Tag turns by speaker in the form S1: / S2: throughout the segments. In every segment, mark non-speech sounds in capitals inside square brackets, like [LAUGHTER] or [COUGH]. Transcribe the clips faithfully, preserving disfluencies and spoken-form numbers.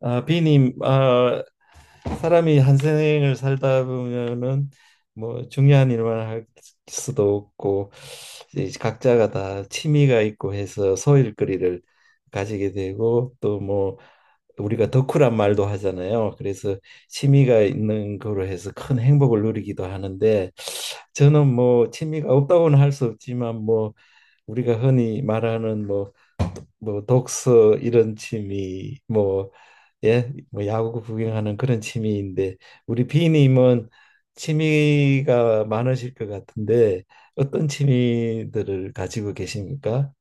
S1: 아, 비님, 아, 사람이 한 생을 살다 보면은 뭐 중요한 일만 할 수도 없고 이제 각자가 다 취미가 있고 해서 소일거리를 가지게 되고 또 뭐 우리가 덕후란 말도 하잖아요. 그래서 취미가 있는 거로 해서 큰 행복을 누리기도 하는데 저는 뭐 취미가 없다고는 할 수 없지만 뭐 우리가 흔히 말하는 뭐 뭐 독서 이런 취미 뭐 예, 뭐 야구 구경하는 그런 취미인데 우리 비님은 취미가 많으실 것 같은데 어떤 취미들을 가지고 계십니까?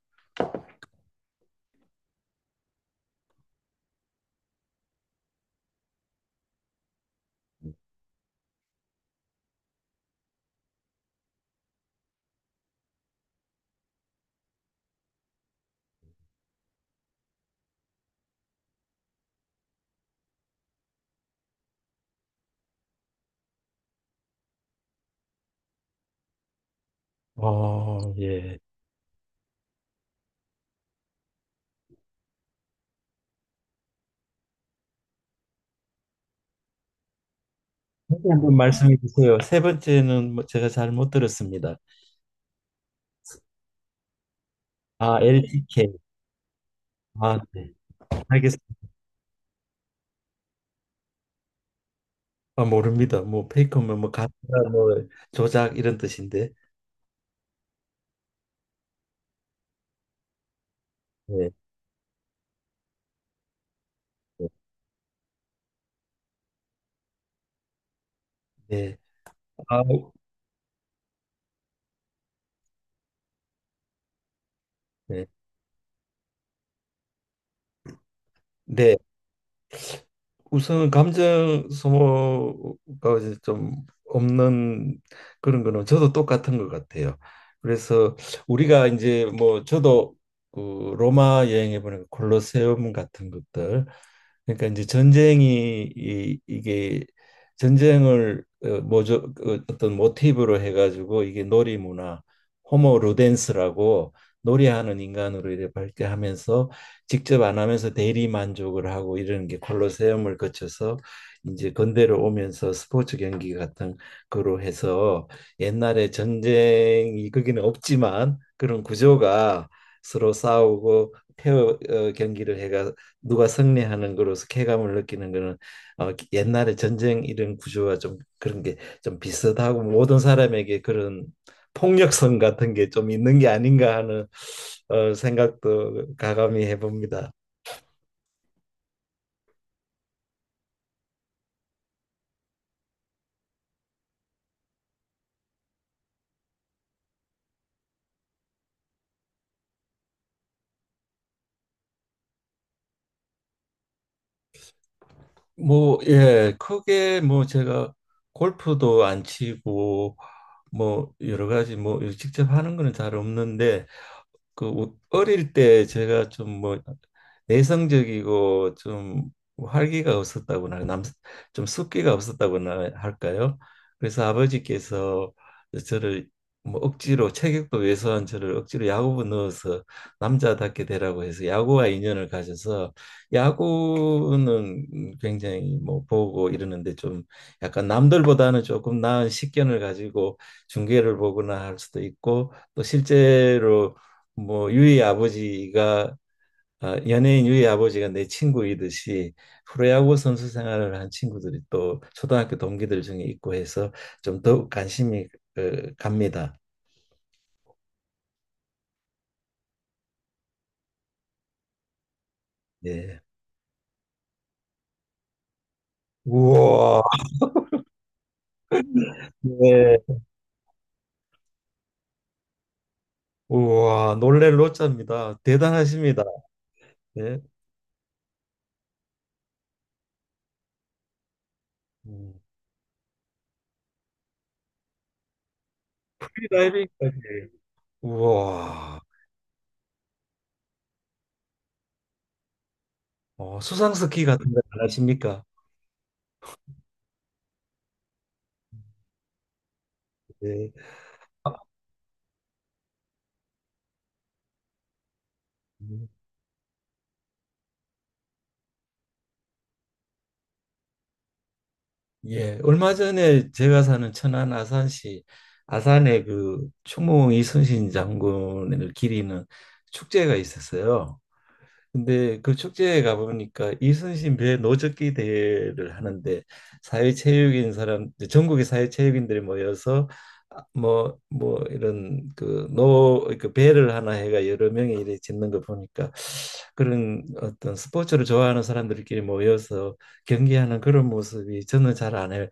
S1: 어, 예. 다시 한번 말씀해 주세요. 세 번째는 뭐 제가 잘못 들었습니다. 아, 엘티케이. 아, 네. 알겠습니다. 아, 모릅니다. 뭐 페이커면 뭐 가짜 뭐 조작 이런 뜻인데. 네. 네. 네. 아, 네. 네. 우선 감정 소모가 이제 좀 없는 그런 거는 저도 똑같은 것 같아요. 그래서 우리가 이제 뭐 저도 그 로마 여행해 보니까 콜로세움 같은 것들, 그러니까 이제 전쟁이 이, 이게 전쟁을 어, 모조 그 어떤 모티브로 해가지고 이게 놀이 문화, 호모 루덴스라고 놀이하는 인간으로 이래 밝게 하면서 직접 안 하면서 대리 만족을 하고, 이런 게 콜로세움을 거쳐서 이제 건대로 오면서 스포츠 경기 같은 거로 해서 옛날에 전쟁이 거기는 없지만 그런 구조가 서로 싸우고 페어 어, 경기를 해가 누가 승리하는 거로서 쾌감을 느끼는 거는 어, 옛날에 전쟁 이런 구조와 좀 그런 게 좀 비슷하고, 모든 사람에게 그런 폭력성 같은 게 좀 있는 게 아닌가 하는 어, 생각도 가감히 해봅니다. 뭐, 예, 크게 뭐 제가 골프도 안 치고 뭐 여러 가지 뭐 직접 하는 거는 잘 없는데 그 뭐 어릴 때 제가 좀 뭐 내성적이고 좀 활기가 없었다고나 남좀 숫기가 없었다고나 할까요? 그래서 아버지께서 저를 뭐 억지로, 체격도 왜소한 저를 억지로 야구부 넣어서 남자답게 되라고 해서 야구와 인연을 가져서 야구는 굉장히 뭐 보고 이러는데 좀 약간 남들보다는 조금 나은 식견을 가지고 중계를 보거나 할 수도 있고, 또 실제로 뭐 유의 아버지가, 아, 연예인 유의 아버지가 내 친구이듯이 프로야구 선수 생활을 한 친구들이 또 초등학교 동기들 중에 있고 해서 좀 더욱 관심이 어, 갑니다. 예. 우와, 네. 우와, 놀랄 노자입니다. 대단하십니다. 예. 음. 프리다이빙까지. 우와, 어, 수상 스키 같은 거 안 하십니까? 네. 아, 예, 얼마 전에 제가 사는 천안 아산시 아산에 그 총무공 이순신 장군을 기리는 축제가 있었어요. 근데 그 축제에 가보니까 이순신 배 노젓기 대회를 하는데 사회체육인 사람, 전국의 사회체육인들이 모여서 아, 뭐뭐 이런 그 노 그 배를 하나 해가 여러 명이 이렇게 짓는 거 보니까 그런 어떤 스포츠를 좋아하는 사람들끼리 모여서 경기하는 그런 모습이 저는 잘 안 해요.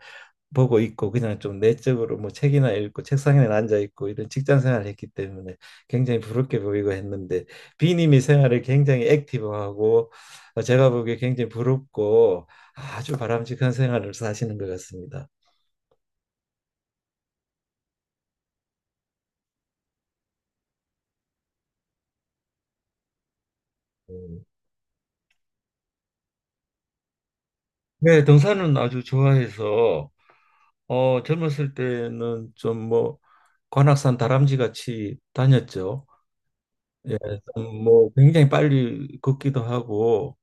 S1: 보고 있고 그냥 좀 내적으로 뭐 책이나 읽고 책상에 앉아 있고 이런 직장 생활을 했기 때문에 굉장히 부럽게 보이고 했는데, 비님이 생활을 굉장히 액티브하고 어, 제가 보기에 굉장히 부럽고 아주 바람직한 생활을 사시는 것 같습니다. 음. 네, 등산은 아주 좋아해서 어 젊었을 때는 좀 뭐 관악산 다람쥐 같이 다녔죠. 예, 좀뭐 굉장히 빨리 걷기도 하고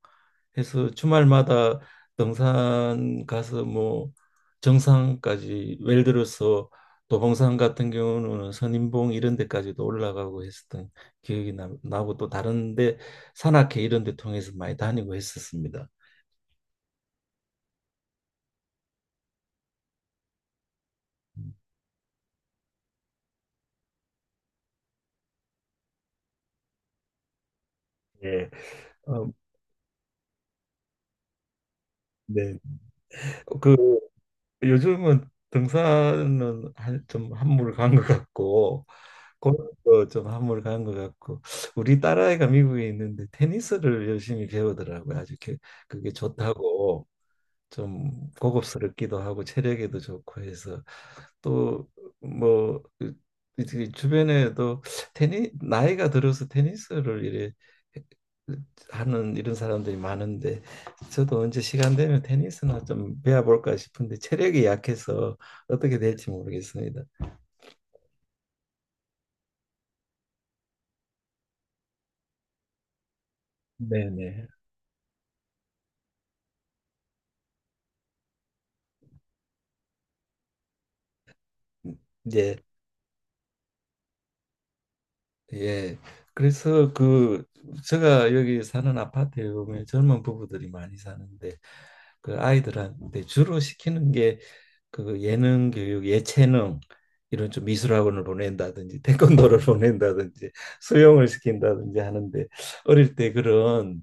S1: 해서 주말마다 등산 가서 뭐 정상까지, 예를 들어서 도봉산 같은 경우는 선인봉 이런 데까지도 올라가고 했었던 기억이 나, 나고 또 다른 데 산악회 이런 데 통해서 많이 다니고 했었습니다. 예. 어, 네. 그 요즘은 등산은 한, 좀 한물 간 것 같고 골프도 좀 한물 간 것 같고 우리 딸아이가 미국에 있는데 테니스를 열심히 배우더라고요. 아주 게- 그게 좋다고. 좀 고급스럽기도 하고 체력에도 좋고 해서 또뭐 주변에도 테니 나이가 들어서 테니스를 이래 하는 이런 사람들이 많은데 저도 언제 시간 되면 테니스나 좀 배워볼까 싶은데 체력이 약해서 어떻게 될지 모르겠습니다. 네네. 예. 예. 그래서 그 제가 여기 사는 아파트에 보면 젊은 부부들이 많이 사는데 그 아이들한테 주로 시키는 게 그 예능 교육, 예체능 이런 좀 미술학원을 보낸다든지 태권도를 [LAUGHS] 보낸다든지 수영을 시킨다든지 하는데 어릴 때 그런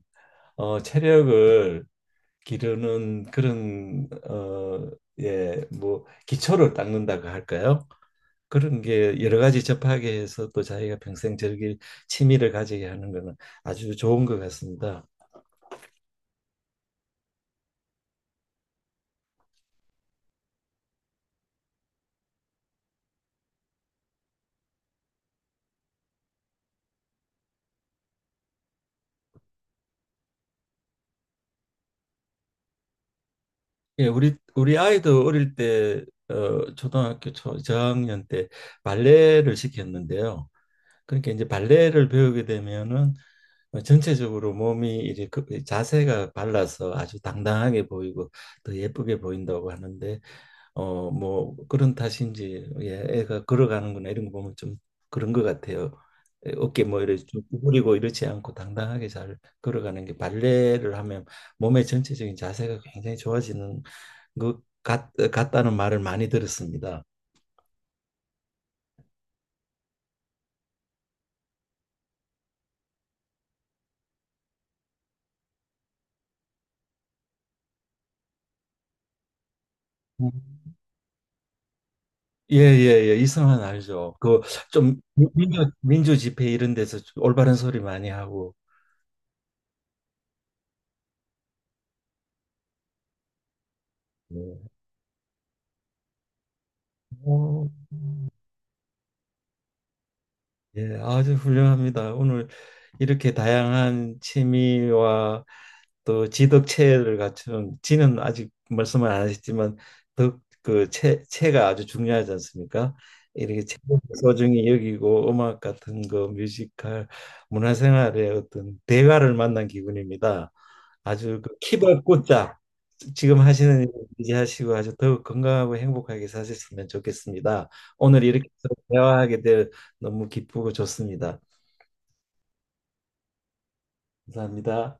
S1: 어 체력을 기르는 그런 어예뭐 기초를 닦는다고 할까요? 그런 게 여러 가지 접하게 해서 또 자기가 평생 즐길 취미를 가지게 하는 거는 아주 좋은 것 같습니다. 예, 우리 우리 아이도 어릴 때 어, 초등학교 초 저학년 때 발레를 시켰는데요. 그러니까 이제 발레를 배우게 되면은 어, 전체적으로 몸이 이렇게 그- 자세가 발라서 아주 당당하게 보이고 더 예쁘게 보인다고 하는데 어, 뭐 그런 탓인지 예, 애가 걸어가는구나 이런 거 보면 좀 그런 것 같아요. 에, 어깨 뭐 이렇게 쭉 구부리고 이렇지 않고 당당하게 잘 걸어가는 게 발레를 하면 몸의 전체적인 자세가 굉장히 좋아지는 것 같, 같다는 말을 많이 들었습니다. 예예예 이성환 알죠. 그 좀 민주 민주 집회 이런 데서 좀 올바른 소리 많이 하고. 네. 어, 예, 오, 예, 아주 훌륭합니다. 오늘 이렇게 다양한 취미와 또 지덕체를 갖춘 지는 아직 말씀을 안 하셨지만 덕그체 체가 아주 중요하지 않습니까? 이렇게 체를 소중히 여기고 음악 같은 거 뮤지컬 문화생활의 어떤 대가를 만난 기분입니다. 아주 그 키발 꽂자 지금 하시는 일 유지하시고 아주 더욱 건강하고 행복하게 사셨으면 좋겠습니다. 오늘 이렇게 서로 대화하게 될 너무 기쁘고 좋습니다. 감사합니다.